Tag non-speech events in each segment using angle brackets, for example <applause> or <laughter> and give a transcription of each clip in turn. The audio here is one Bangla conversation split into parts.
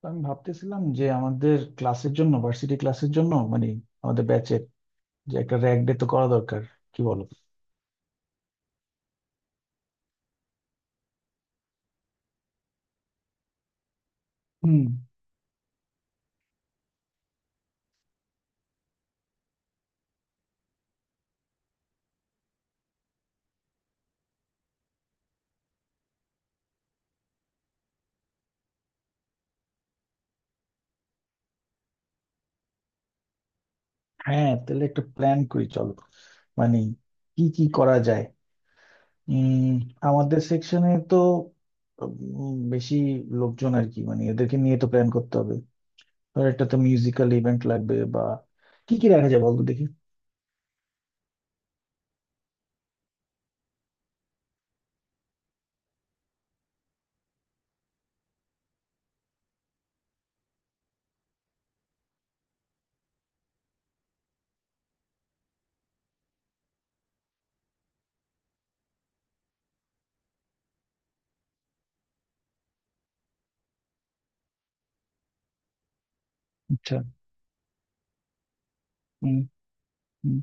তো আমি ভাবতেছিলাম যে আমাদের ক্লাসের জন্য ভার্সিটি ক্লাসের জন্য মানে আমাদের ব্যাচের যে একটা র্যাগ ডে তো করা দরকার, কি বলো? হুম। হ্যাঁ, তাহলে একটা প্ল্যান করি চলো। মানে কি কি করা যায়? উম আমাদের সেকশনে তো বেশি লোকজন আর কি, মানে এদেরকে নিয়ে তো প্ল্যান করতে হবে। ধর একটা তো মিউজিক্যাল ইভেন্ট লাগবে, বা কি কি রাখা যায় বলতো দেখি। আচ্ছা। হুম। হুম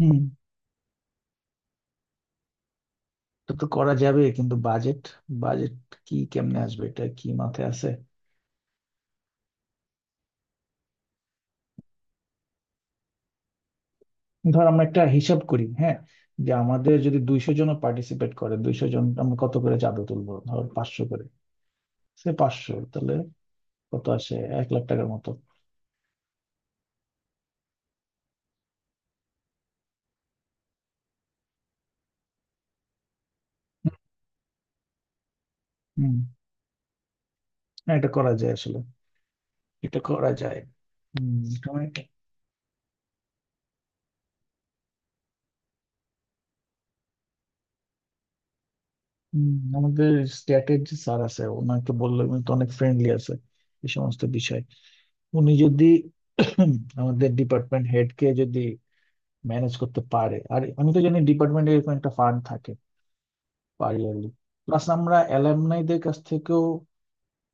হুম। তো তো করা যাবে, কিন্তু বাজেট, বাজেট কি কেমনে আসবে, এটা কি মাথায় আছে? ধর আমরা একটা হিসাব করি, হ্যাঁ, যে আমাদের যদি 200 জন পার্টিসিপেট করে, 200 জন আমরা কত করে চাঁদা তুলবো, ধর 500 করে। সে 500 তাহলে কত আসে? 1,00,000 টাকার মতো। হম। হ্যাঁ এটা করা যায় আসলে। এটা করা যায়। হম। তোমার কি- হুম, আমাদের স্ট্যাটের যে স্যার আছে ওনাকে বললে উনি তো অনেক ফ্রেন্ডলি আছে এই সমস্ত বিষয়। উনি যদি <coughs> <clears throat> আমাদের ডিপার্টমেন্ট হেড কে যদি ম্যানেজ করতে পারে, আর আমি তো জানি ডিপার্টমেন্টে এরকম একটা ফান্ড থাকে, পারি আর কি। প্লাস আমরা অ্যালামনাইদের কাছ থেকেও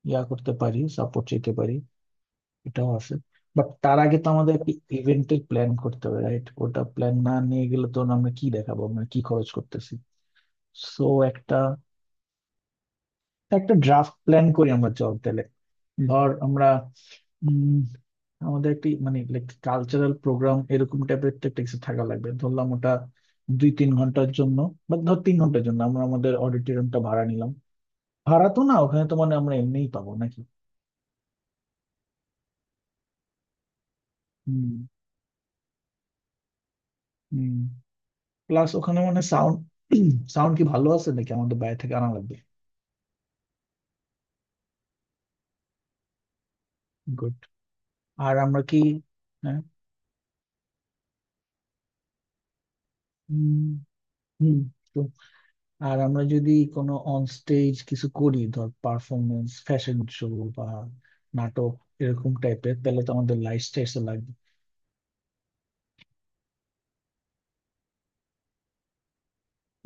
ইয়া করতে পারি, সাপোর্ট চাইতে পারি, এটাও আছে। বাট তার আগে তো আমাদের একটা ইভেন্টের প্ল্যান করতে হবে, রাইট? ওটা প্ল্যান না নিয়ে গেলে তো আমরা কি দেখাবো, আমরা কি খরচ করতেছি। সো একটা একটা ড্রাফট প্ল্যান করি আমরা, চল তাহলে। ধর আমরা উম, আমাদের একটি মানে লাইক কালচারাল প্রোগ্রাম এরকম টাইপের তো একটা কিছু থাকা লাগবে, ধরলাম ওটা 2-3 ঘন্টার জন্য, বা ধর 3 ঘন্টার জন্য আমরা আমাদের অডিটোরিয়ামটা ভাড়া নিলাম। ভাড়া তো না, ওখানে তো মানে আমরা এমনিই পাবো নাকি। হুম। হুম প্লাস ওখানে মানে সাউন্ড, সাউন্ড কি ভালো আছে নাকি আমাদের বাইরে থেকে আনা লাগবে? গুড। আর আমরা কি, হ্যাঁ। হুম হুম। তো আর আমরা যদি কোনো অন স্টেজ কিছু করি, ধর পারফরমেন্স, ফ্যাশন শো, বা নাটক এরকম টাইপের, তাহলে তো আমাদের লাইট স্টেজ লাগবে।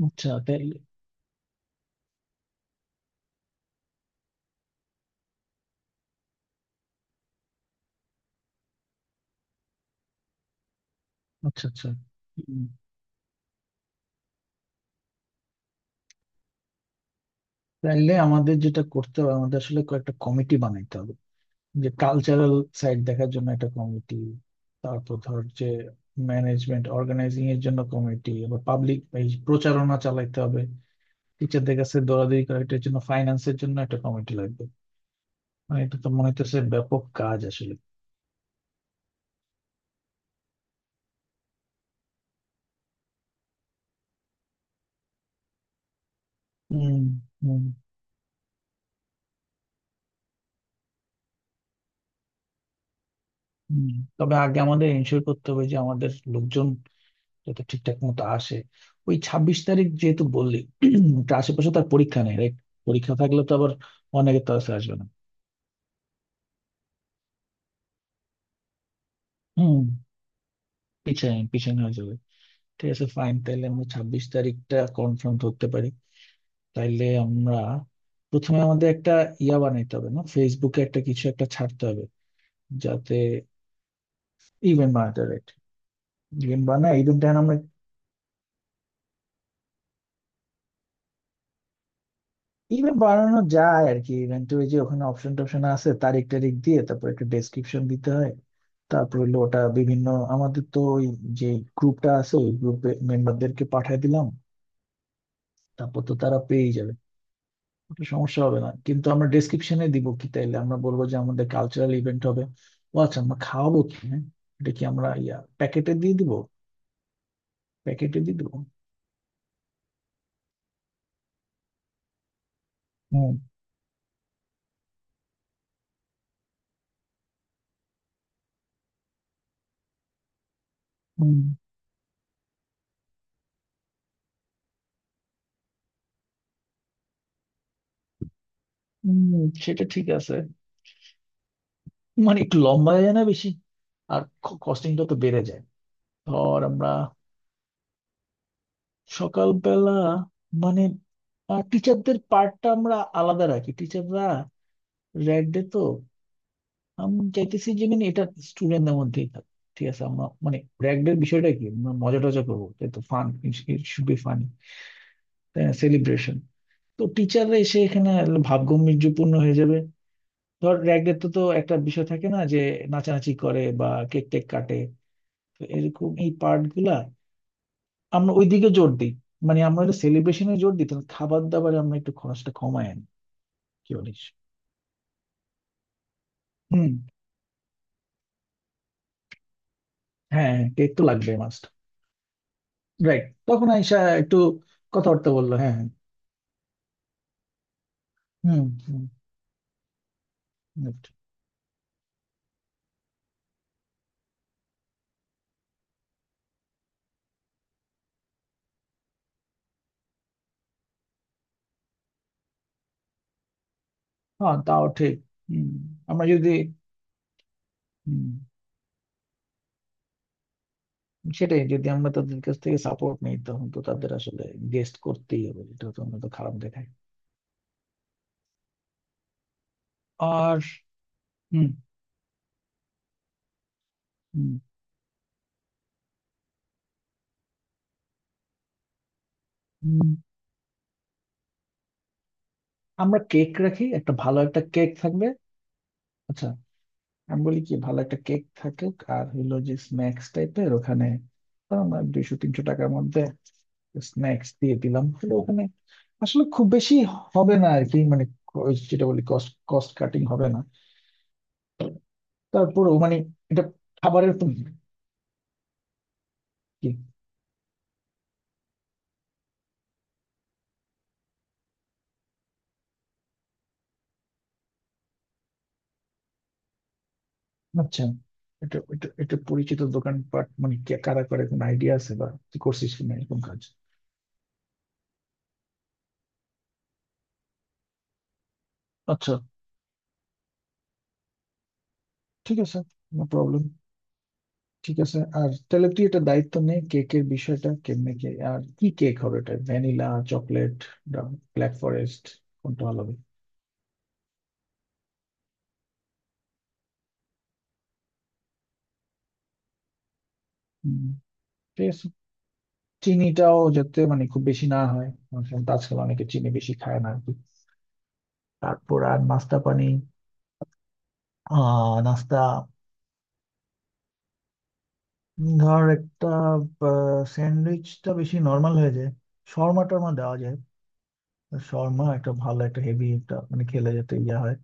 আচ্ছা তাইলে। আচ্ছা আচ্ছা। হুম, তাইলে আমাদের যেটা করতে হবে, আমাদের আসলে কয়েকটা কমিটি বানাইতে হবে। যে কালচারাল সাইড দেখার জন্য একটা কমিটি, তারপর ধর যে ম্যানেজমেন্ট অর্গানাইজিং এর জন্য কমিটি, আবার পাবলিক এই প্রচারণা চালাইতে হবে, টিচারদের কাছে দৌড়াদৌড়ি করা, এটার জন্য ফাইন্যান্সের জন্য একটা কমিটি লাগবে। মানে এটা তো মনে হচ্ছে ব্যাপক কাজ আসলে। হুম হুম হুম। তবে আগে আমাদের এনশিওর করতে হবে যে আমাদের লোকজন যাতে ঠিকঠাক মতো আসে। ওই 26 তারিখ যেহেতু বললি, ওটা আশেপাশে তার পরীক্ষা নেই রাইট? পরীক্ষা থাকলে তো আবার অনেকে তো আসবে না। হুম। পিছায় পিছায় হয়ে যাবে। ঠিক আছে, ফাইন তাহলে আমরা 26 তারিখটা কনফার্ম করতে পারি। তাইলে আমরা প্রথমে আমাদের একটা ইয়া বানাইতে হবে না, ফেসবুকে একটা কিছু একটা ছাড়তে হবে যাতে। ইভেন্ট বানাতে হবে, ইভেন্ট বানায় ইভেন্ট আমরা, ইভেন্ট বানানো যায় আর কি। ইভেন্টের ওই যে ওখানে অপশন টপশন আছে, তারিখ টারিখ দিয়ে তারপর একটা ডেসক্রিপশন দিতে হয়। তারপর হলো ওটা বিভিন্ন, আমাদের তো ওই যে গ্রুপটা আছে, ওই গ্রুপে মেম্বারদেরকে পাঠিয়ে দিলাম, তারপর তো তারা পেয়ে যাবে। ওটা সমস্যা হবে না, কিন্তু আমরা ডেসক্রিপশনে দিব কি, তাইলে আমরা বলবো যে আমাদের কালচারাল ইভেন্ট হবে। ও আচ্ছা, আমরা খাওয়াবো কি, হ্যাঁ? এটা কি আমরা ইয়া প্যাকেটে দিয়ে দিব, প্যাকেটে দিয়ে দিব? হুম হুম হুম, সেটা ঠিক আছে। মানে একটু লম্বা হয়ে যায় না বেশি? আর কস্টিংটা তো বেড়ে যায়। ধর আমরা সকালবেলা, মানে টিচারদের পার্টটা আমরা আলাদা রাখি, টিচাররা র্যাড ডে তো, আমি চাইতেছি যে মানে এটা স্টুডেন্টদের মধ্যেই থাক। ঠিক আছে, আমরা মানে র্যাগডের বিষয়টা কি, আমরা মজা টজা করবো, তাই তো, ফান, শুড বি ফানি। তাই না, সেলিব্রেশন। তো টিচাররা এসে এখানে ভাবগম্ভীর্যপূর্ণ হয়ে যাবে। ধর র্যাগডের তো তো একটা বিষয় থাকে না যে নাচানাচি করে বা কেক টেক কাটে, তো এরকম এই পার্ট গুলা আমরা ওইদিকে জোর দিই। মানে আমরা সেলিব্রেশনে জোর দিই, তাহলে খাবার দাবারে আমরা একটু খরচটা কমায় আনি, কি বলিস? হুম। হ্যাঁ কেক তো লাগবে মাস্ট। রাইট, তখন আইসা একটু কথাবার্তা বললো, হ্যাঁ হ্যাঁ। হুম। হুম right. হ্যাঁ তাও ঠিক। হুম, আমরা যদি, হুম, সেটাই, যদি আমরা তাদের কাছ থেকে সাপোর্ট নিই তখন তো তাদের আসলে গেস্ট করতেই হবে, এটা তো আমরা তো খারাপ দেখায়। আর হুম হুম হুম, আমরা কেক রাখি, একটা ভালো একটা কেক থাকবে। আচ্ছা, আমি বলি কি, ভালো একটা কেক থাকুক, আর হইলো যে স্ন্যাক্স টাইপের ওখানে, তো আমরা 200-300 টাকার মধ্যে স্ন্যাক্স দিয়ে দিলাম তাহলে, ওখানে আসলে খুব বেশি হবে না আর কি, মানে যেটা বলি কস্ট কস্ট কাটিং হবে না। তারপরেও মানে এটা খাবারের তো- কি? আচ্ছা, এটা এটা এটা পরিচিত দোকানপাট মানে কে কারা করে কোনো আইডিয়া আছে বা কি করছিস কিনা এরকম কাজ? আচ্ছা, ঠিক আছে। No problem. ঠিক আছে, আর তাহলে তুই এটা দায়িত্ব নে কেকের বিষয়টা, কেমনে কে আর কি কেক হবে, এটা ভ্যানিলা, চকলেট, ব্ল্যাক ফরেস্ট, কোনটা ভালো হবে। হুম, ঠিক আছে। চিনিটাও যাতে মানে খুব বেশি না হয়, কারণ আজকাল অনেকে চিনি বেশি খায় না আর কি। তারপর আর নাস্তা পানি, নাস্তা। ধর একটা স্যান্ডউইচটা বেশি নর্মাল হয়ে যায়, শর্মা টর্মা দেওয়া যায়। তো শর্মা একটা ভালো, একটা হেভি একটা মানে খেলে যেতে ইয়ে হয়।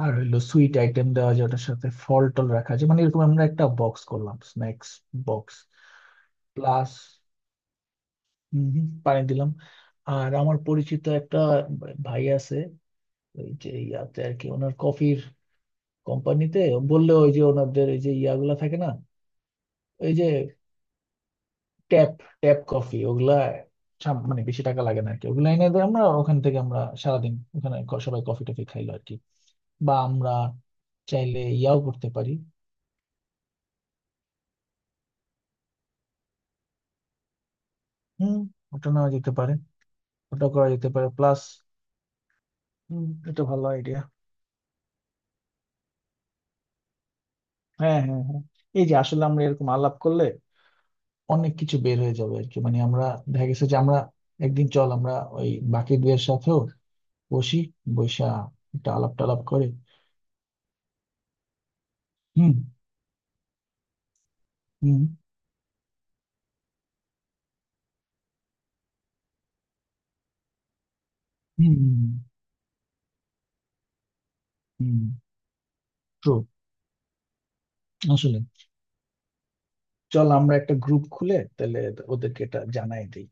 আর হইলো সুইট আইটেম দেওয়া যায় ওটার সাথে, ফল টল রাখা আছে, মানে এরকম আমরা একটা বক্স করলাম, স্ন্যাক্স বক্স প্লাস পানি দিলাম। আর আমার পরিচিত একটা ভাই আছে ওই যে ইয়াতে আর কি, ওনার কফির কোম্পানিতে, বললে ওই যে ওনাদের ওই যে ইয়াগুলা থাকে না, ওই যে ট্যাপ, ট্যাপ কফি, ওগুলা মানে বেশি টাকা লাগে না আর কি, ওগুলা এনে দেয়, আমরা ওখান থেকে আমরা সারাদিন ওখানে সবাই কফি টফি খাইলো আর কি। বা আমরা চাইলে ইয়াও করতে পারি। হুম, ওটা নেওয়া যেতে পারে, ওটা করা যেতে পারে প্লাস। হুম, এটা ভালো আইডিয়া। হ্যাঁ হ্যাঁ হ্যাঁ। এই যে আসলে আমরা এরকম আলাপ করলে অনেক কিছু বের হয়ে যাবে আর কি, মানে আমরা দেখা গেছে যে আমরা একদিন চল আমরা ওই বাকি দুয়ের সাথেও বসি, বৈশা একটা আলাপ টালাপ করে। হুম হুম হুম হুম ট্রু, আসলে চল আমরা একটা গ্রুপ খুলে তাহলে, ওদেরকে এটা জানাই দিই।